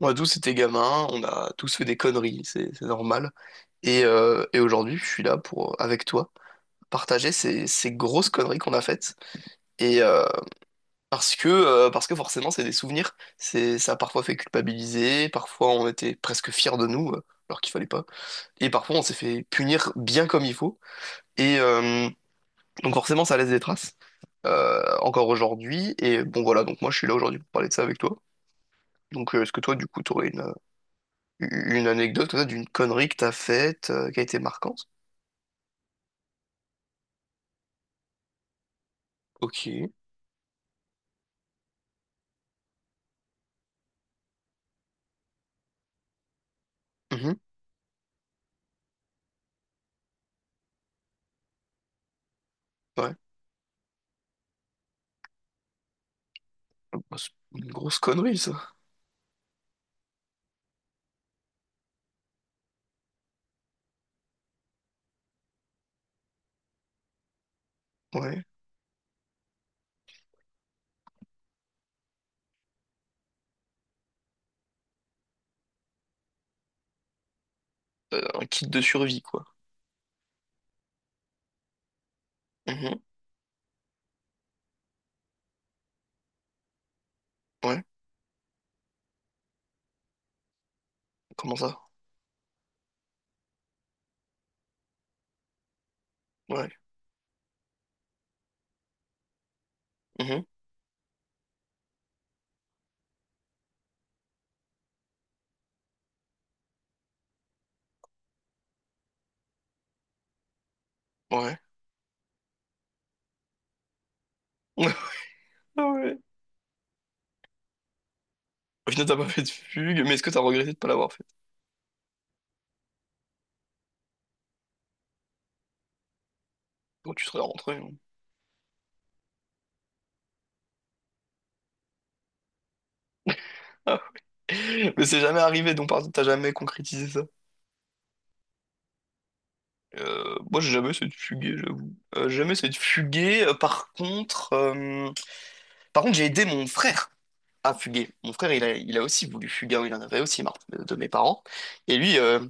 On a tous été gamins, on a tous fait des conneries, c'est normal. Et aujourd'hui, je suis là pour, avec toi, partager ces grosses conneries qu'on a faites. Et euh, Parce que, parce que forcément, c'est des souvenirs. C'est, ça a parfois fait culpabiliser, parfois on était presque fiers de nous, alors qu'il fallait pas. Et parfois, on s'est fait punir bien comme il faut. Et euh, donc forcément, ça laisse des traces, encore aujourd'hui. Et bon, voilà, donc moi, je suis là aujourd'hui pour parler de ça avec toi. Donc, est-ce que toi, du coup, t'aurais une anecdote comme ça, d'une connerie que t'as faite, qui a été marquante? Ok. Mhm. Ouais. Bah, c'est une grosse connerie, ça. Ouais. Un kit de survie, quoi. Mhm. Ouais. Comment ça? Ouais. Mhm. Ouais. Ah ouais. Au final, t'as pas fait de fugue, mais est-ce que t'as regretté de pas l'avoir fait? Bon, tu serais rentré, hein. Ah. Mais c'est jamais arrivé, donc par exemple, t'as jamais concrétisé ça. Moi, j'ai jamais essayé de fuguer, j'avoue. J'ai jamais essayé de fuguer. Par contre, j'ai aidé mon frère à fuguer. Mon frère, il a aussi voulu fuguer, hein, il en avait aussi marre de mes parents. Et lui,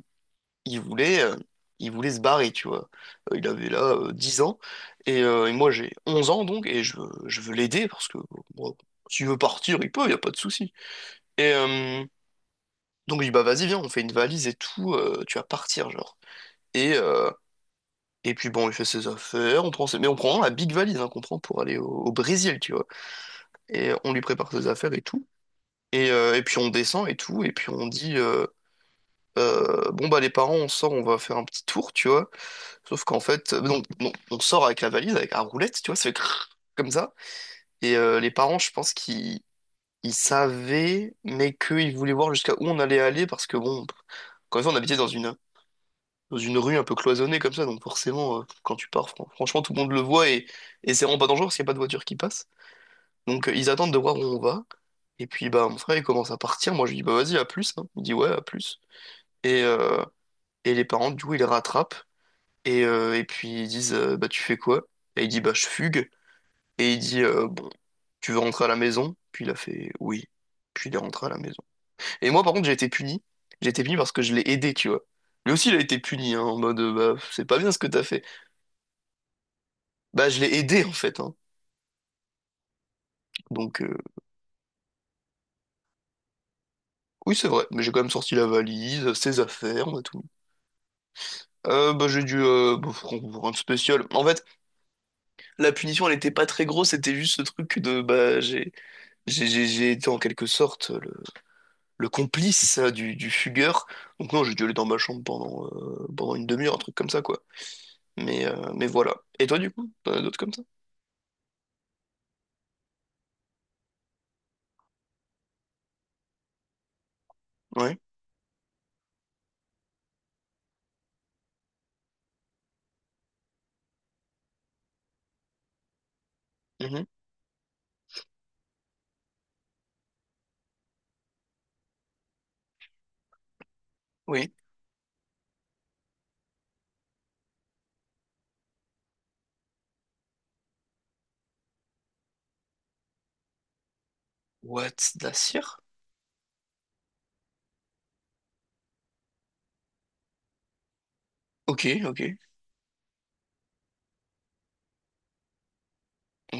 il voulait, euh, il voulait se barrer, tu vois. Il avait là 10 ans, et moi j'ai 11 ans, donc, et je veux l'aider, parce que bon, s'il veut partir, il peut, il n'y a pas de souci. Et euh, donc, il dit, bah vas-y, viens, on fait une valise et tout, tu vas partir, genre. Et, euh, et puis bon, il fait ses affaires, mais on prend vraiment la big valise, hein, qu'on prend pour aller au Brésil, tu vois. Et on lui prépare ses affaires et tout. Et puis on descend et tout, et puis on dit bon bah les parents on sort, on va faire un petit tour, tu vois. Sauf qu'en fait, non, non, on sort avec la valise, avec la roulette, tu vois, ça fait crrr comme ça. Les parents, je pense qu'ils ils savaient, mais qu'ils voulaient voir jusqu'à où on allait aller, parce que bon, quand même on habitait dans une rue un peu cloisonnée comme ça, donc forcément quand tu pars, franchement tout le monde le voit et c'est vraiment pas dangereux parce qu'il n'y a pas de voiture qui passe. Ils attendent de voir où on va. Et puis bah mon frère il commence à partir, moi je lui dis bah vas-y à plus, hein. Il dit ouais à plus. Et, euh, et les parents du coup ils le rattrapent et puis ils disent bah tu fais quoi? Et il dit bah je fugue. Et il dit bon tu veux rentrer à la maison? Puis il a fait oui. Puis il est rentré à la maison. Et moi par contre j'ai été puni. J'ai été puni parce que je l'ai aidé, tu vois. Lui aussi il a été puni, hein, en mode bah c'est pas bien ce que t'as fait. Bah je l'ai aidé en fait, hein. Donc euh, oui c'est vrai, mais j'ai quand même sorti la valise, ses affaires, on a tout. Bah, j'ai dû bah, faut rendre spécial. En fait, la punition, elle était pas très grosse, c'était juste ce truc de bah j'ai été en quelque sorte le complice du fugueur. Donc non, j'ai dû aller dans ma chambre pendant une demi-heure, un truc comme ça quoi. Mais voilà. Et toi du coup, t'en as d'autres comme ça? Ouais. Mhm. Oui. What, de la cire? Ok, ok.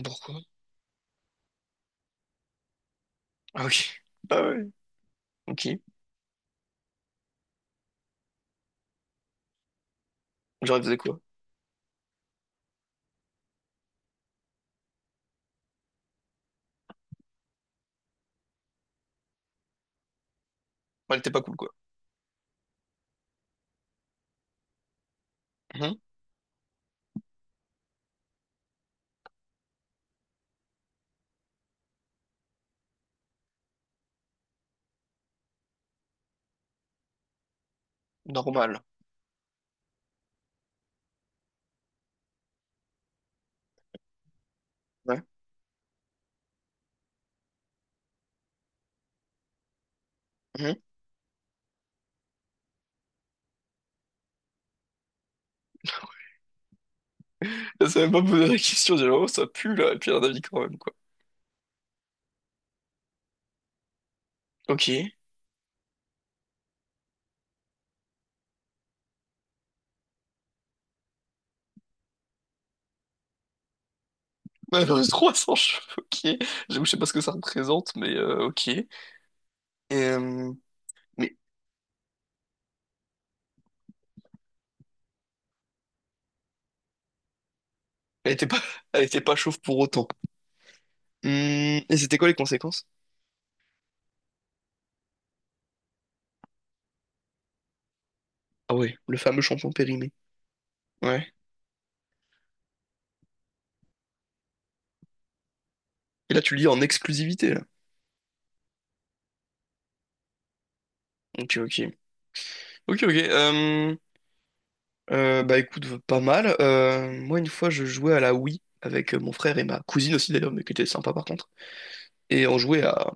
Pourquoi? Ah ok. Ah ouais. Ok. Genre, elle faisait quoi? Elle était pas cool quoi. Mhm. Normal. Ouais. Mm-hmm. Je savais pas poser la question, j'ai dit, oh, ça pue là, et puis elle en a mis quand même, quoi. Ok. Ouais, j'en ai 300 cheveux, ok. J'avoue, je sais pas ce que ça représente, mais ok. Euh, mais elle était pas, elle était pas chauve pour autant. Hmm, et c'était quoi les conséquences? Ah ouais, le fameux shampoing périmé. Ouais. Et là, tu le lis en exclusivité, là. Ok, ok. Ok, ok. Bah écoute, pas mal. Moi, une fois, je jouais à la Wii avec mon frère et ma cousine aussi, d'ailleurs, mais qui était sympa par contre. Et on jouait à,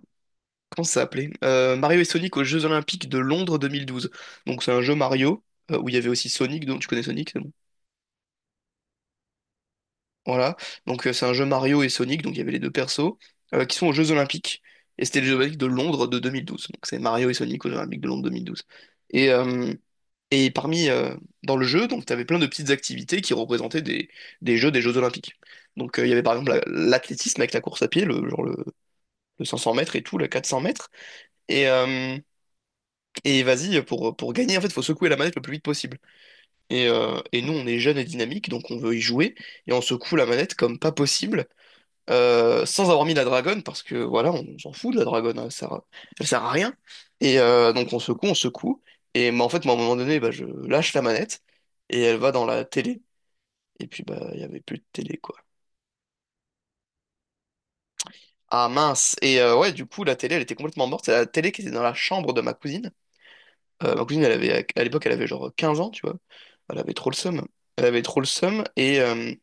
comment ça s'appelait? Mario et Sonic aux Jeux Olympiques de Londres 2012. Donc c'est un jeu Mario, où il y avait aussi Sonic, donc tu connais Sonic, c'est bon. Voilà. C'est un jeu Mario et Sonic, donc il y avait les deux persos, qui sont aux Jeux Olympiques. Et c'était les Jeux Olympiques de Londres de 2012. Donc c'est Mario et Sonic aux Jeux Olympiques de Londres 2012. Et, euh, et parmi, euh, Dans le jeu, donc tu avais plein de petites activités qui représentaient des Jeux Olympiques. Il y avait par exemple l'athlétisme avec la course à pied, le 500 mètres et tout, le 400 mètres. Et, euh, Et vas-y, pour gagner, en fait, il faut secouer la manette le plus vite possible. Et nous, on est jeunes et dynamiques, donc on veut y jouer, et on secoue la manette comme pas possible, sans avoir mis la dragonne, parce que voilà, s'en fout de la dragonne, elle sert à rien. Donc on secoue, mais en fait, moi, à un moment donné, bah, je lâche la manette, et elle va dans la télé. Et puis, bah, il y avait plus de télé, quoi. Ah mince! Ouais, du coup, la télé, elle était complètement morte, c'est la télé qui était dans la chambre de ma cousine. Ma cousine, à l'époque, elle avait genre 15 ans, tu vois. Elle avait trop le seum. Elle avait trop le seum.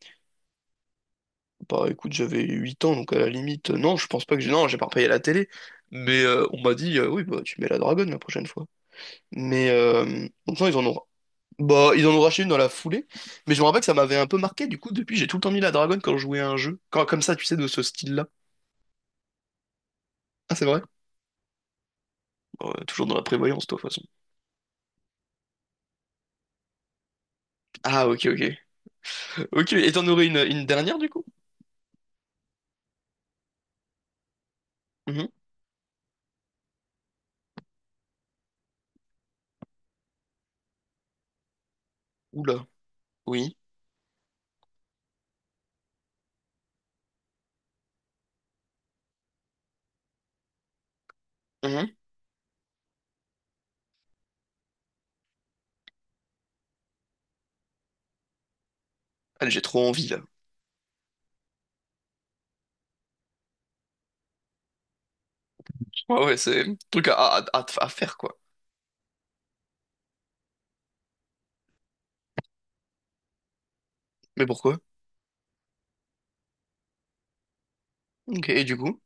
Bah écoute, j'avais 8 ans, donc à la limite, non, je pense pas que j'ai. Non, j'ai pas repayé la télé. On m'a dit, oui, bah tu mets la dragonne la prochaine fois. Mais euh, donc non, ils en ont. Bah, ils en ont racheté une dans la foulée. Mais je me rappelle que ça m'avait un peu marqué. Du coup, depuis, j'ai tout le temps mis la dragonne quand je jouais à un jeu. Quand, comme ça, tu sais, de ce style-là. Ah, c'est vrai? Bon, toujours dans la prévoyance, toi, de toute façon. Ah, ok, ok. Ok, et t'en aurais une dernière, du coup? Mhm. Oula. Oui. Allez, j'ai trop envie là. Ouais, ouais, c'est un truc à faire quoi. Mais pourquoi? Ok, et du coup?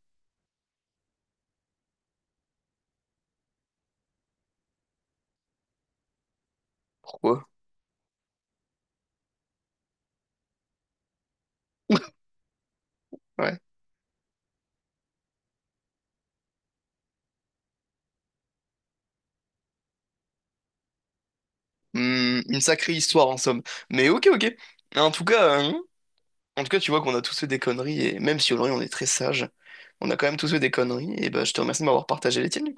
Pourquoi? Ouais. Hmm, une sacrée histoire en somme. Mais ok, ok. En tout cas, hein, En tout cas, tu vois qu'on a tous fait des conneries et même si aujourd'hui on est très sage, on a quand même tous fait des conneries. Et bah, je te remercie de m'avoir partagé les tiennes.